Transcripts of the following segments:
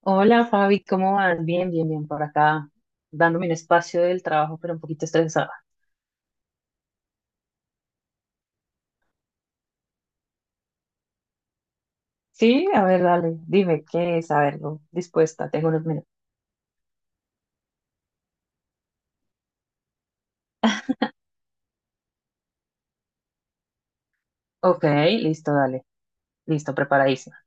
Hola Fabi, ¿cómo vas? Bien, bien, bien, por acá, dándome un espacio del trabajo, pero un poquito estresada. Sí, a ver, dale, dime qué es, a ver, no, dispuesta, tengo unos minutos. Ok, listo, dale, listo, preparadísima.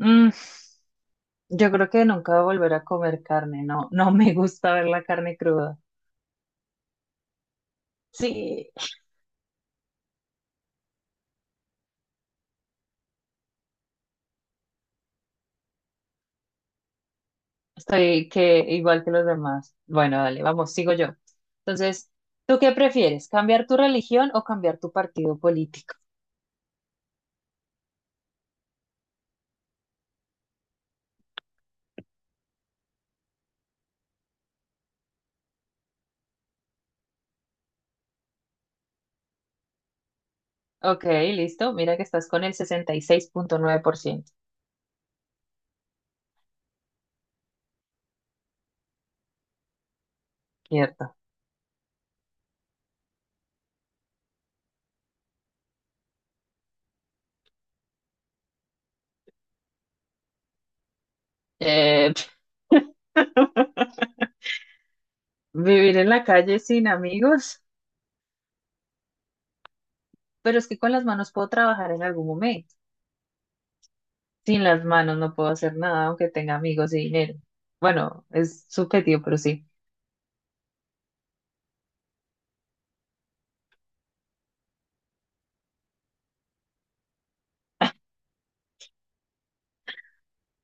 Mm, yo creo que nunca voy a volver a comer carne, no, no me gusta ver la carne cruda. Sí, estoy que igual que los demás. Bueno, dale, vamos, sigo yo. Entonces, ¿tú qué prefieres, cambiar tu religión o cambiar tu partido político? Ok, listo. Mira que estás con el 66.9%. Cierto. Eh, Vivir en la calle sin amigos, pero es que con las manos puedo trabajar en algún momento. Sin las manos no puedo hacer nada, aunque tenga amigos y dinero. Bueno, es subjetivo, pero sí.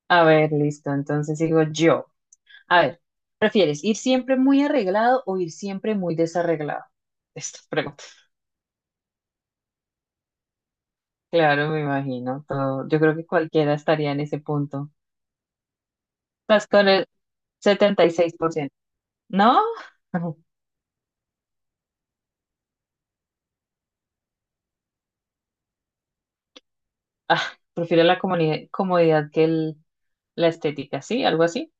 A ver, listo. Entonces digo yo. A ver, ¿prefieres ir siempre muy arreglado o ir siempre muy desarreglado? Esta pregunta. Claro, me imagino. Todo, yo creo que cualquiera estaría en ese punto. Estás con 76%. ¿No? Ajá. Ah, prefiero la comodidad comodidad que la estética, ¿sí? ¿Algo así?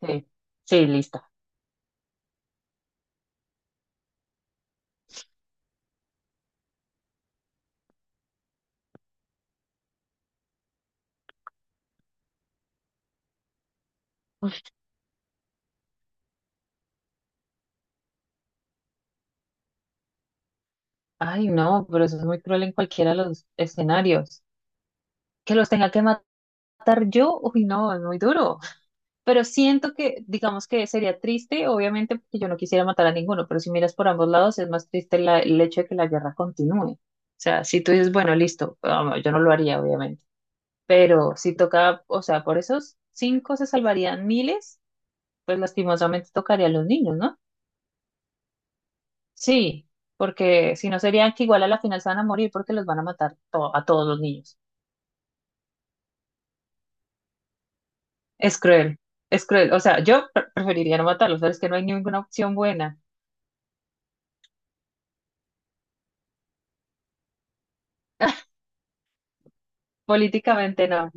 Sí. Sí, lista. Ay, no, pero eso es muy cruel en cualquiera de los escenarios. Que los tenga que matar yo, uy, no, es muy duro. Pero siento que, digamos que sería triste, obviamente, porque yo no quisiera matar a ninguno, pero si miras por ambos lados, es más triste el hecho de que la guerra continúe. O sea, si tú dices, bueno, listo, ah, no, yo no lo haría, obviamente. Pero si toca, o sea, por esos cinco se salvarían miles, pues lastimosamente tocaría a los niños, ¿no? Sí, porque si no serían que igual a la final se van a morir porque los van a matar a todos los niños. Es cruel, es cruel. O sea, yo preferiría no matarlos, pero es que no hay ninguna opción buena. Políticamente no,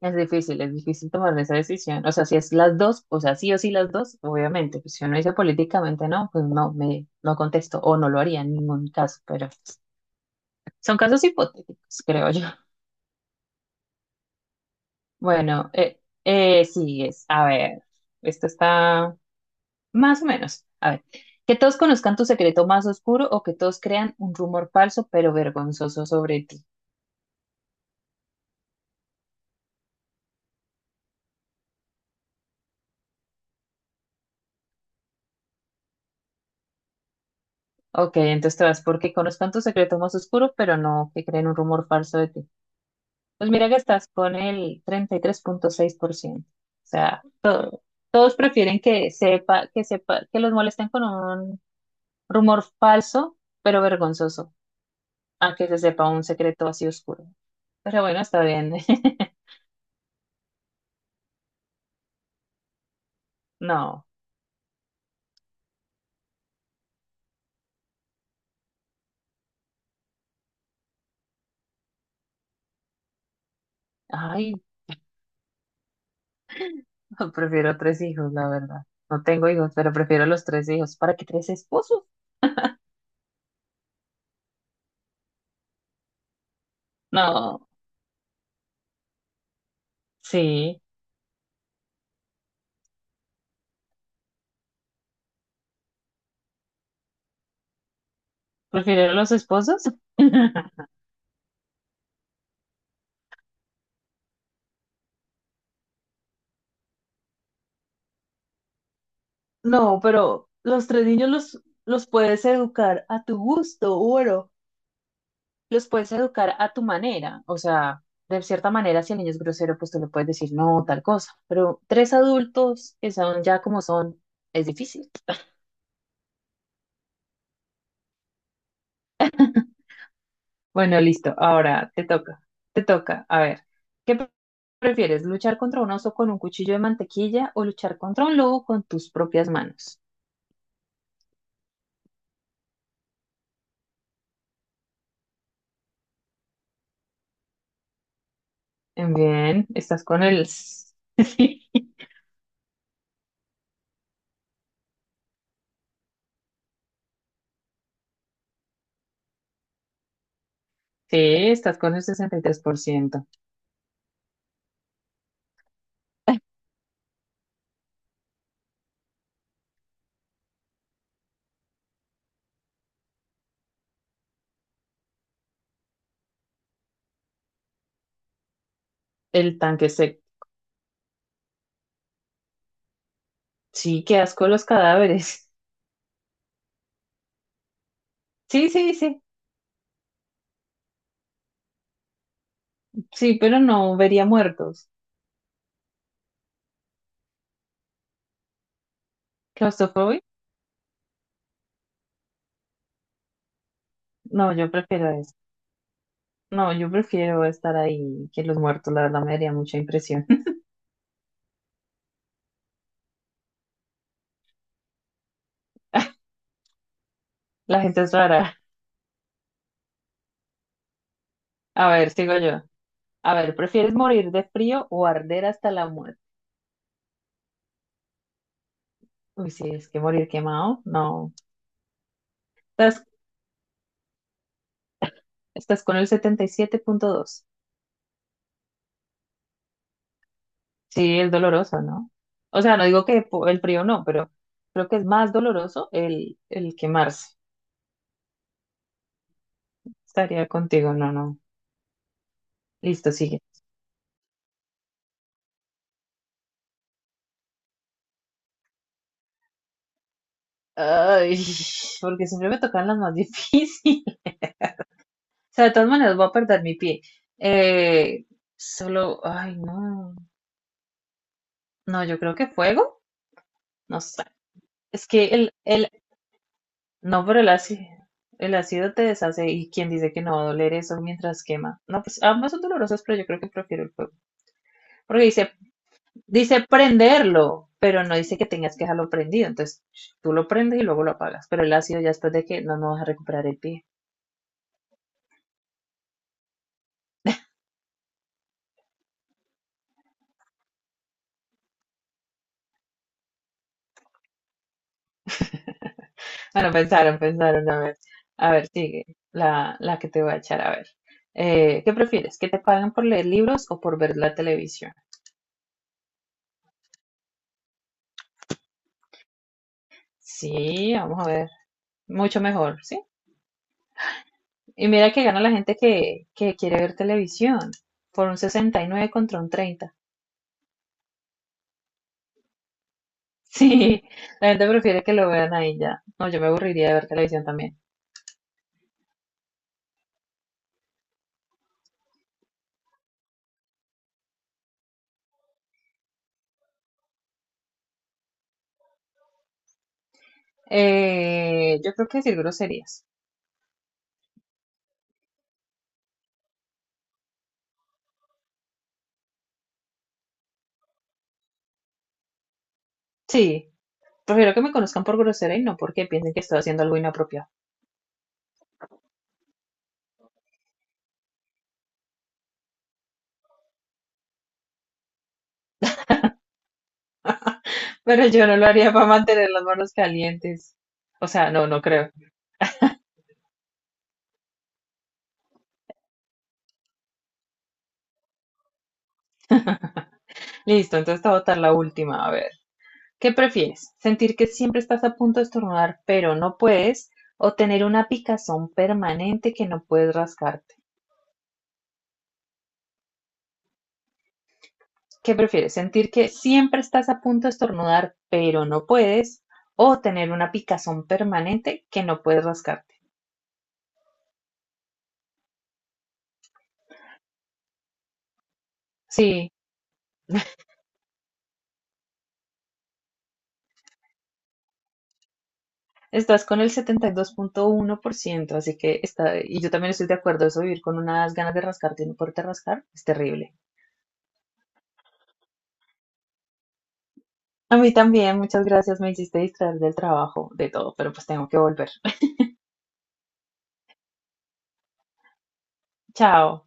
es difícil tomar esa decisión. O sea, si es las dos, o sea, sí o sí las dos, obviamente. Pues si uno dice políticamente no, pues no, me, no contesto o no lo haría en ningún caso, pero son casos hipotéticos, creo yo. Bueno, sigues. A ver, esto está más o menos. A ver, que todos conozcan tu secreto más oscuro o que todos crean un rumor falso pero vergonzoso sobre ti. Ok, entonces te vas porque conozcan tu secreto más oscuro, pero no que creen un rumor falso de ti. Pues mira que estás con el 33.6%. O sea, todos prefieren que sepa, que los molesten con un rumor falso pero vergonzoso, a que se sepa un secreto así oscuro. Pero bueno, está bien. No. Ay, no, prefiero tres hijos, la verdad. No tengo hijos, pero prefiero los tres hijos. ¿Para qué tres esposos? No. Sí. ¿Prefiero los esposos? No, pero los tres niños los, puedes educar a tu gusto, bueno. Los puedes educar a tu manera. O sea, de cierta manera, si el niño es grosero, pues tú le puedes decir no, tal cosa. Pero tres adultos que son ya como son, es difícil. Bueno, listo. Ahora te toca. Te toca. A ver, ¿qué prefieres? ¿Luchar contra un oso con un cuchillo de mantequilla o luchar contra un lobo con tus propias manos? Bien. Sí, estás con el 63%. El tanque se... Sí, qué asco los cadáveres. Sí, sí, sí. Sí, pero no vería muertos. ¿Claustrofobia? No, yo prefiero eso. No, yo prefiero estar ahí que los muertos. La verdad me daría mucha impresión. La gente es rara. A ver, sigo yo. A ver, ¿prefieres morir de frío o arder hasta la muerte? Uy, sí, es que morir quemado, no. Estás, estás con el 77.2. Sí, es doloroso, ¿no? O sea, no digo que el frío no, pero creo que es más doloroso el quemarse. Estaría contigo, no, no. Listo, sigue. Ay, porque siempre me tocan las más difíciles. O sea, de todas maneras voy a perder mi pie. Eh, Solo, ay, no. No, yo creo que fuego. No sé. Es que el No, pero el ácido te deshace y quien dice que no va a doler eso mientras quema. No, pues ambas son dolorosas, pero yo creo que prefiero el fuego. Porque dice prenderlo, pero no dice que tengas que dejarlo prendido. Entonces tú lo prendes y luego lo apagas. Pero el ácido ya después de que no, no vas a recuperar el pie. Bueno, pensaron, pensaron, a ver. A ver, sigue la que te voy a echar, a ver. ¿Qué prefieres? ¿Que te paguen por leer libros o por ver la televisión? Sí, vamos a ver. Mucho mejor, ¿sí? Y mira que gana la gente que quiere ver televisión por un 69 contra un 30. Sí, la gente prefiere que lo vean ahí ya. No, yo me aburriría de ver televisión también. Yo creo que decir groserías. Sí, prefiero que me conozcan por grosera y no porque piensen que estoy haciendo algo inapropiado. Pero yo no lo haría para mantener las manos calientes. O sea, no, no creo. Listo, entonces te voy a votar la última. A ver. ¿Qué prefieres, sentir que siempre estás a punto de estornudar pero no puedes o tener una picazón permanente que no puedes rascarte? ¿Qué prefieres, sentir que siempre estás a punto de estornudar pero no puedes o tener una picazón permanente que no puedes rascarte? Sí, estás con el 72.1%, así que está, y yo también estoy de acuerdo, eso vivir con unas ganas de rascarte y no poderte rascar es terrible. A mí también, muchas gracias, me hiciste distraer del trabajo, de todo, pero pues tengo que volver. Chao.